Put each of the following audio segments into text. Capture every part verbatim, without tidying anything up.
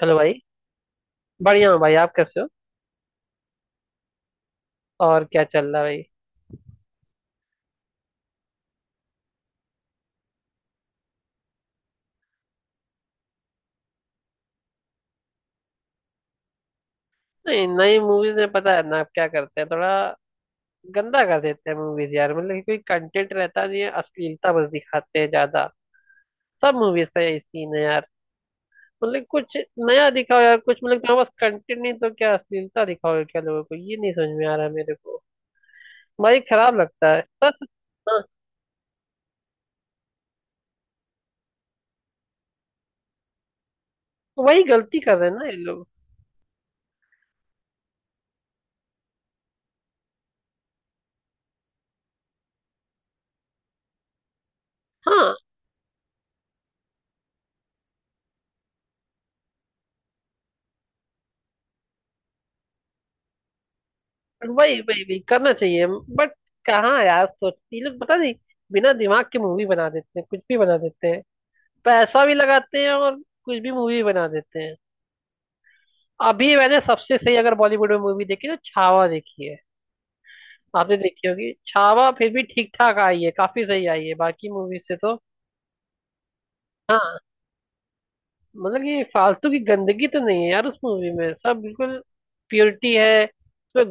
Hello भाई। बढ़िया हूँ भाई, आप कैसे हो? और क्या चल रहा है भाई? नहीं, नई मूवीज में पता है ना आप क्या करते हैं, थोड़ा गंदा कर देते हैं मूवीज यार। मतलब कि कोई कंटेंट रहता नहीं है, अश्लीलता बस दिखाते हैं ज्यादा। सब मूवीज का यही सीन है यार। मतलब कुछ नया दिखाओ यार कुछ। मतलब तुम्हारे पास कंटेंट नहीं तो क्या अश्लीलता दिखाओ क्या? लोगों को ये नहीं समझ में आ रहा है मेरे को भाई, खराब लगता है बस। हाँ, तो वही गलती कर रहे हैं ना ये लोग। हाँ। वही वही वही करना चाहिए, बट कहाँ यार, सोचती ये लोग, पता नहीं। बिना दिमाग के मूवी बना देते हैं, कुछ भी बना देते हैं। पैसा भी लगाते हैं और कुछ भी मूवी बना देते हैं। अभी मैंने सबसे सही अगर बॉलीवुड में मूवी देखी तो छावा देखी है। आपने देखी होगी छावा, फिर भी ठीक ठाक आई है, काफी सही आई है बाकी मूवी से तो। हाँ, मतलब ये फालतू की गंदगी तो नहीं है यार उस मूवी में, सब बिल्कुल प्योरिटी है उसमें।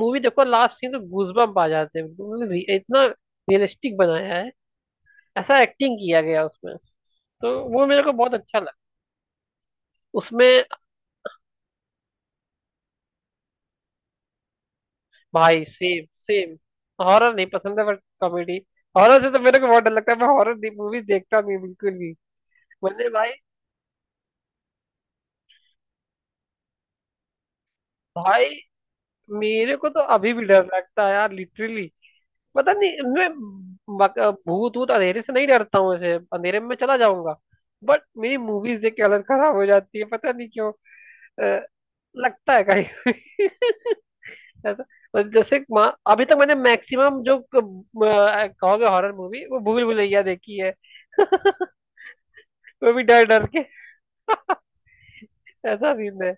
मूवी देखो, लास्ट सीन तो गूजबम्प आ जाते हैं बिल्कुल। मतलब रि- इतना रियलिस्टिक बनाया है, ऐसा एक्टिंग किया गया उसमें। तो वो मेरे को बहुत अच्छा लगा उसमें। भाई सेम सेम। हॉरर नहीं पसंद है बट कॉमेडी। हॉरर से तो मेरे को बहुत डर लगता है, मैं हॉरर मूवी देखता नहीं बिल्कुल भी। मैंने भाई, भाई, मेरे को तो अभी भी डर लगता है यार लिटरली। पता नहीं, मैं बक- भूत भूत अंधेरे से नहीं डरता हूँ, ऐसे अंधेरे में मैं चला जाऊंगा, बट मेरी मूवीज देख के हालत खराब हो जाती है, पता नहीं क्यों। अ, लगता है कहीं ऐसा। मतलब जैसे मा- अभी तक मैंने मैक्सिमम जो क- अ, कहोगे हॉरर मूवी, वो भूल भुलैया देखी है वो भी डर डर के, ऐसा सीन है।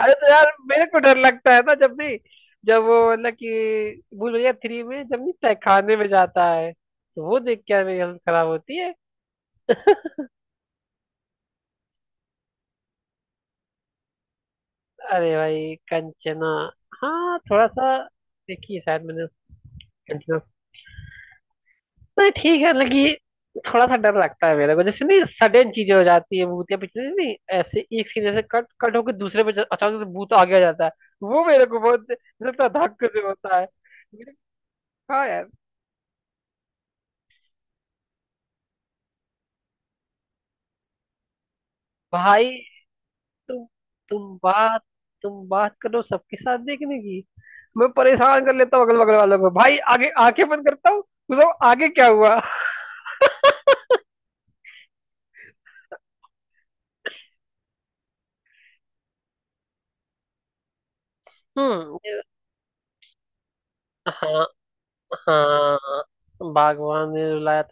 अरे तो यार मेरे को डर लगता है ना जब भी, जब वो मतलब कि भूल भुलैया थ्री में जब नहीं तहखाने में जाता है तो वो देख के मेरी हालत खराब होती है। अरे भाई, कंचना! हाँ, थोड़ा सा देखी है शायद मैंने, कंचना। नहीं ठीक है, लेकिन थोड़ा सा डर लगता है मेरे को, जैसे नहीं सडन चीजें हो जाती है भूतिया, पिछले नहीं ऐसे एक सीन, जैसे कट कट होकर दूसरे पे जा- अचानक से भूत आगे आ जाता है, वो मेरे को बहुत लगता है, धक्के से होता है मेरे को, कहा "हाँ यार"। भाई, तुम तुम बात तुम बात करो सबके साथ देखने की। मैं परेशान कर लेता हूँ अगल बगल वालों को भाई, आगे आंखें बंद करता हूँ, मतलब आगे क्या हुआ। हम्म ये- हाँ हाँ, भगवान ने रुलाया।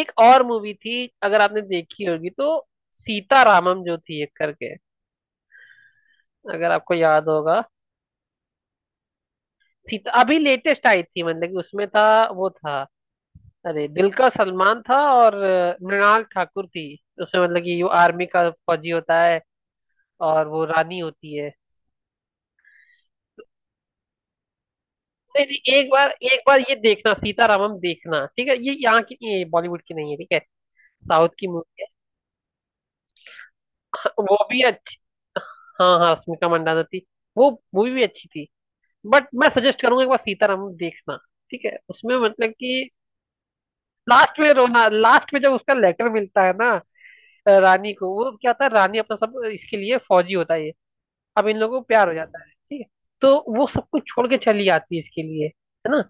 एक और मूवी थी, अगर आपने देखी होगी तो, सीतारामम जो थी, एक करके। अगर आपको याद होगा, सीता अभी लेटेस्ट आई थी, मतलब कि उसमें था, वो था, अरे दिलकर सलमान था और अ, मृणाल ठाकुर थी। उसमें मतलब कि वो आर्मी का फौजी होता है और वो रानी होती है। नहीं नहीं, एक बार एक बार ये देखना सीतारामम, देखना ठीक है। ये यहाँ की नहीं है, बॉलीवुड की नहीं है ठीक है, साउथ की मूवी है। वो भी अच्छी। हाँ हाँ, स्मिका मंडाना थी, वो मूवी भी अच्छी थी। बट मैं सजेस्ट करूंगा एक बार सीताराम देखना, ठीक है। उसमें मतलब कि लास्ट में रोना, लास्ट में जब उसका लेटर मिलता है ना अ, रानी को, वो क्या होता है रानी अपना सब इसके लिए, फौजी होता है ये। अब इन लोगों को प्यार हो जाता है ठीक है, तो वो सब कुछ छोड़ के चली आती है इसके लिए, है ना?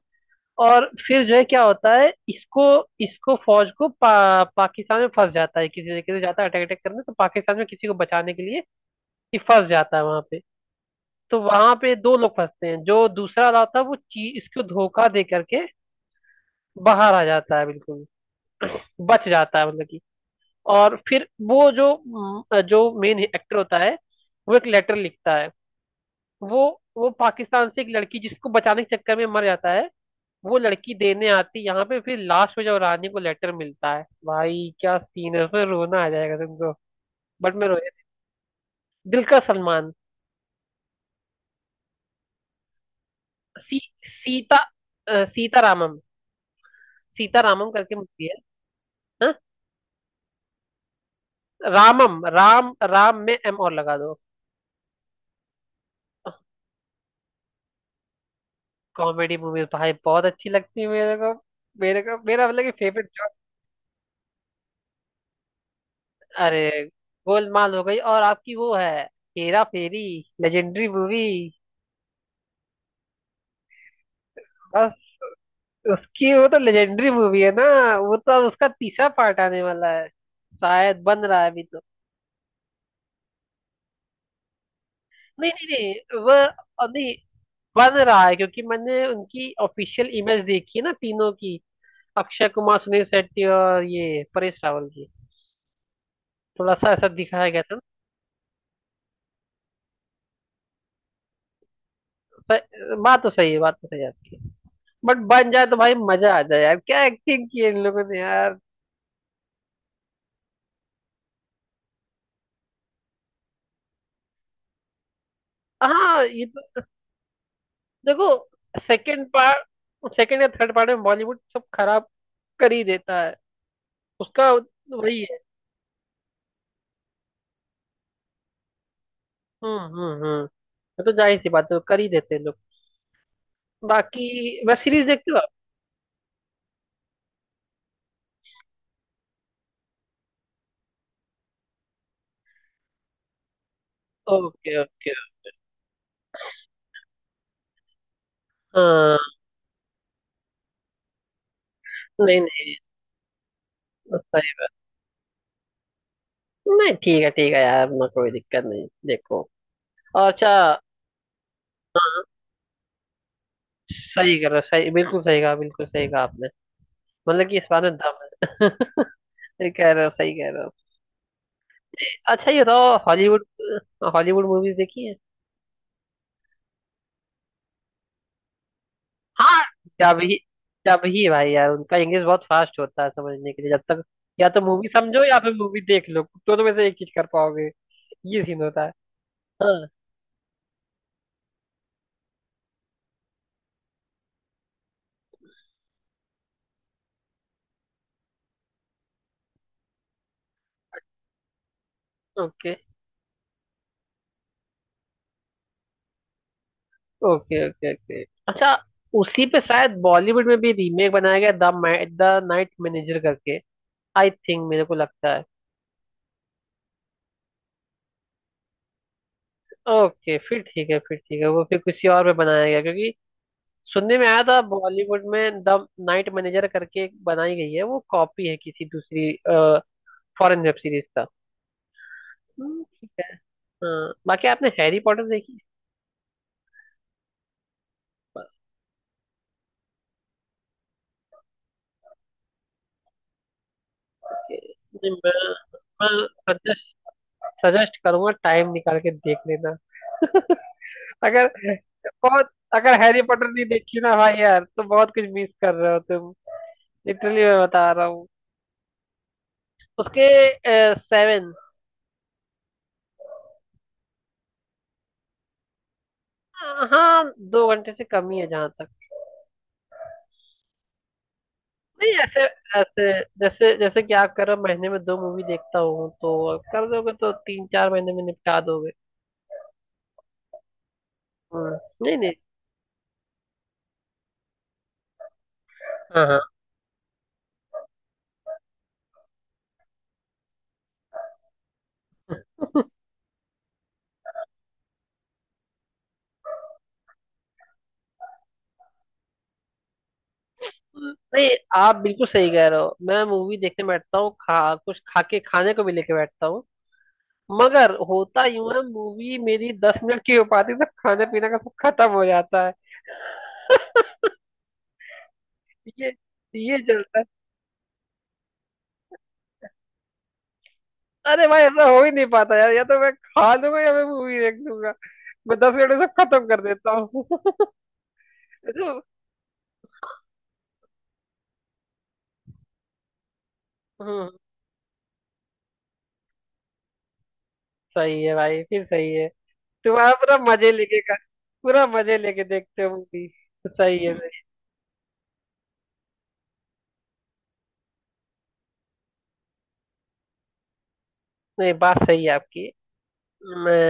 और फिर जो है क्या होता है इसको, इसको फौज को पा, पाकिस्तान में फंस जाता है, किसी तरीके से जाता है अटैक अटैक करने तो, पाकिस्तान में किसी को बचाने के लिए ये फंस जाता है वहां पे। तो वहां पे दो लोग फंसते हैं, जो दूसरा वाला होता है वो ची, इसको धोखा दे करके बाहर आ जाता है बिल्कुल, बच जाता है मतलब कि। और फिर वो जो म, जो मेन एक्टर होता है वो एक लेटर लिखता है, वो वो पाकिस्तान से एक लड़की जिसको बचाने के चक्कर में मर जाता है, वो लड़की देने आती है यहाँ पे, फिर लास्ट में जब रानी को लेटर मिलता है भाई क्या सीन है, फिर रोना आ जाएगा तुमको। बट मैं रोया। दिल का सलमान। सी सीता अ, सीता रामम, सीता रामम करके मूवी है। हाँ? रामम, राम राम में एम और लगा दो। कॉमेडी मूवीज भाई बहुत अच्छी लगती है मेरे को। मेरे को मेरा मतलब कि फेवरेट जॉनर। अरे! गोलमाल हो गई और आपकी वो है हेरा फेरी, लेजेंडरी मूवी। बस। उसकी वो तो लेजेंडरी मूवी है ना। वो तो अब उसका तीसरा पार्ट आने वाला है शायद, बन रहा है अभी तो। नहीं नहीं नहीं, वो और नहीं, बन रहा है क्योंकि मैंने उनकी ऑफिशियल इमेज देखी है ना तीनों की, अक्षय कुमार, सुनील शेट्टी और ये परेश रावल की। थोड़ा सा ऐसा दिखाया गया था। स- बात तो सही है, बात तो सही है आपकी, बट बन जाए तो भाई मजा आ जाए यार, क्या एक्टिंग की है इन लोगों ने यार। हाँ ये तो। देखो, सेकंड पार्ट सेकंड या थर्ड पार्ट में बॉलीवुड सब खराब कर ही देता है, उसका वही है। हम्म हम्म हम्म। ये तो जाहिर सी बात है, कर ही देते हैं लोग। बाकी, वेब सीरीज देखते हो आप? Okay okay. हाँ। नहीं नहीं, सही। नहीं ठीक है, ठीक है यार ना, कोई दिक्कत नहीं, देखो। और अच्छा। सही कह रहे हो, सही, बिल्कुल सही कहा, बिल्कुल सही कहा आपने। मतलब कि इस बात में दम है सही कह रहे हो, सही कह रहे हो। अच्छा, ये बताओ हॉलीवुड, हॉलीवुड मूवीज देखी है? हाँ, जब ही जब ही भाई यार, उनका इंग्लिश बहुत फास्ट होता है, समझने के लिए जब तक, या तो मूवी समझो या फिर मूवी देख लो, तो तो वैसे एक चीज कर पाओगे, ये सीन होता है। हाँ। Okay okay okay okay. अच्छा, उसी पे शायद बॉलीवुड में भी रीमेक बनाया गया, द द नाइट मैनेजर करके, आई थिंक, मेरे को लगता है। ओके, फिर ठीक है, फिर ठीक है, वो फिर किसी और पे बनाया गया क्योंकि सुनने में आया था, बॉलीवुड में द नाइट मैनेजर करके एक बनाई गई है, वो कॉपी है किसी दूसरी फॉरेन वेब सीरीज का। हम्म, ठीक है। हाँ, बाकी आपने हैरी पॉटर देखी? नहीं, मैं मैं सजेस्ट सजेस्ट करूंगा, टाइम निकाल के देख लेना अगर बहुत, अगर हैरी पॉटर नहीं देखी ना भाई यार, तो बहुत कुछ मिस कर रहे हो तुम, लिटरली मैं बता रहा हूँ। उसके सेवन। हाँ, दो घंटे से कम ही है जहाँ तक। नहीं, ऐसे ऐसे, जैसे जैसे कि आप कह रहे हो, महीने में दो मूवी देखता हूँ तो, कर दोगे तो तीन चार महीने में निपटा दोगे। हम्म, नहीं नहीं। हाँ हाँ। हम्म, नहीं। आप बिल्कुल सही कह रहे हो, मैं मूवी देखने बैठता हूँ, खा, कुछ खा के खाने को भी लेके बैठता हूँ, मगर होता यूं है मूवी मेरी दस मिनट की हो पाती है तो खाना पीना का सब खत्म हो जाता है। ये ये चलता है। अरे भाई, ऐसा हो ही नहीं पाता यार, या तो मैं खा लूंगा या मैं मूवी देख लूंगा। मैं दस मिनट में सब खत्म कर देता हूँ तो, हम्म सही है भाई, फिर सही है। तुम्हारा पूरा मजे लेके का, पूरा मजे लेके देखते हो मूवी। सही है भाई। नहीं, बात सही है आपकी। मैं,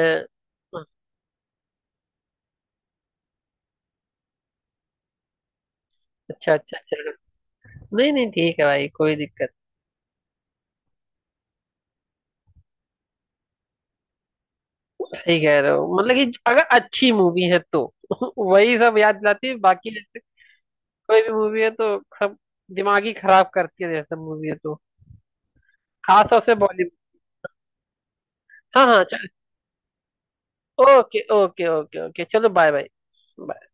अच्छा अच्छा चलो। नहीं नहीं, ठीक है भाई, कोई दिक्कत नहीं। सही कह रहे हो, मतलब कि अगर अच्छी मूवी है तो वही सब याद दिलाती है, बाकी जैसे कोई भी मूवी है तो सब दिमाग ही खराब करती है, जैसे मूवी है तो खासतौर से बॉलीवुड। हाँ हाँ चल। ओके ओके ओके ओके, चलो बाय बाय।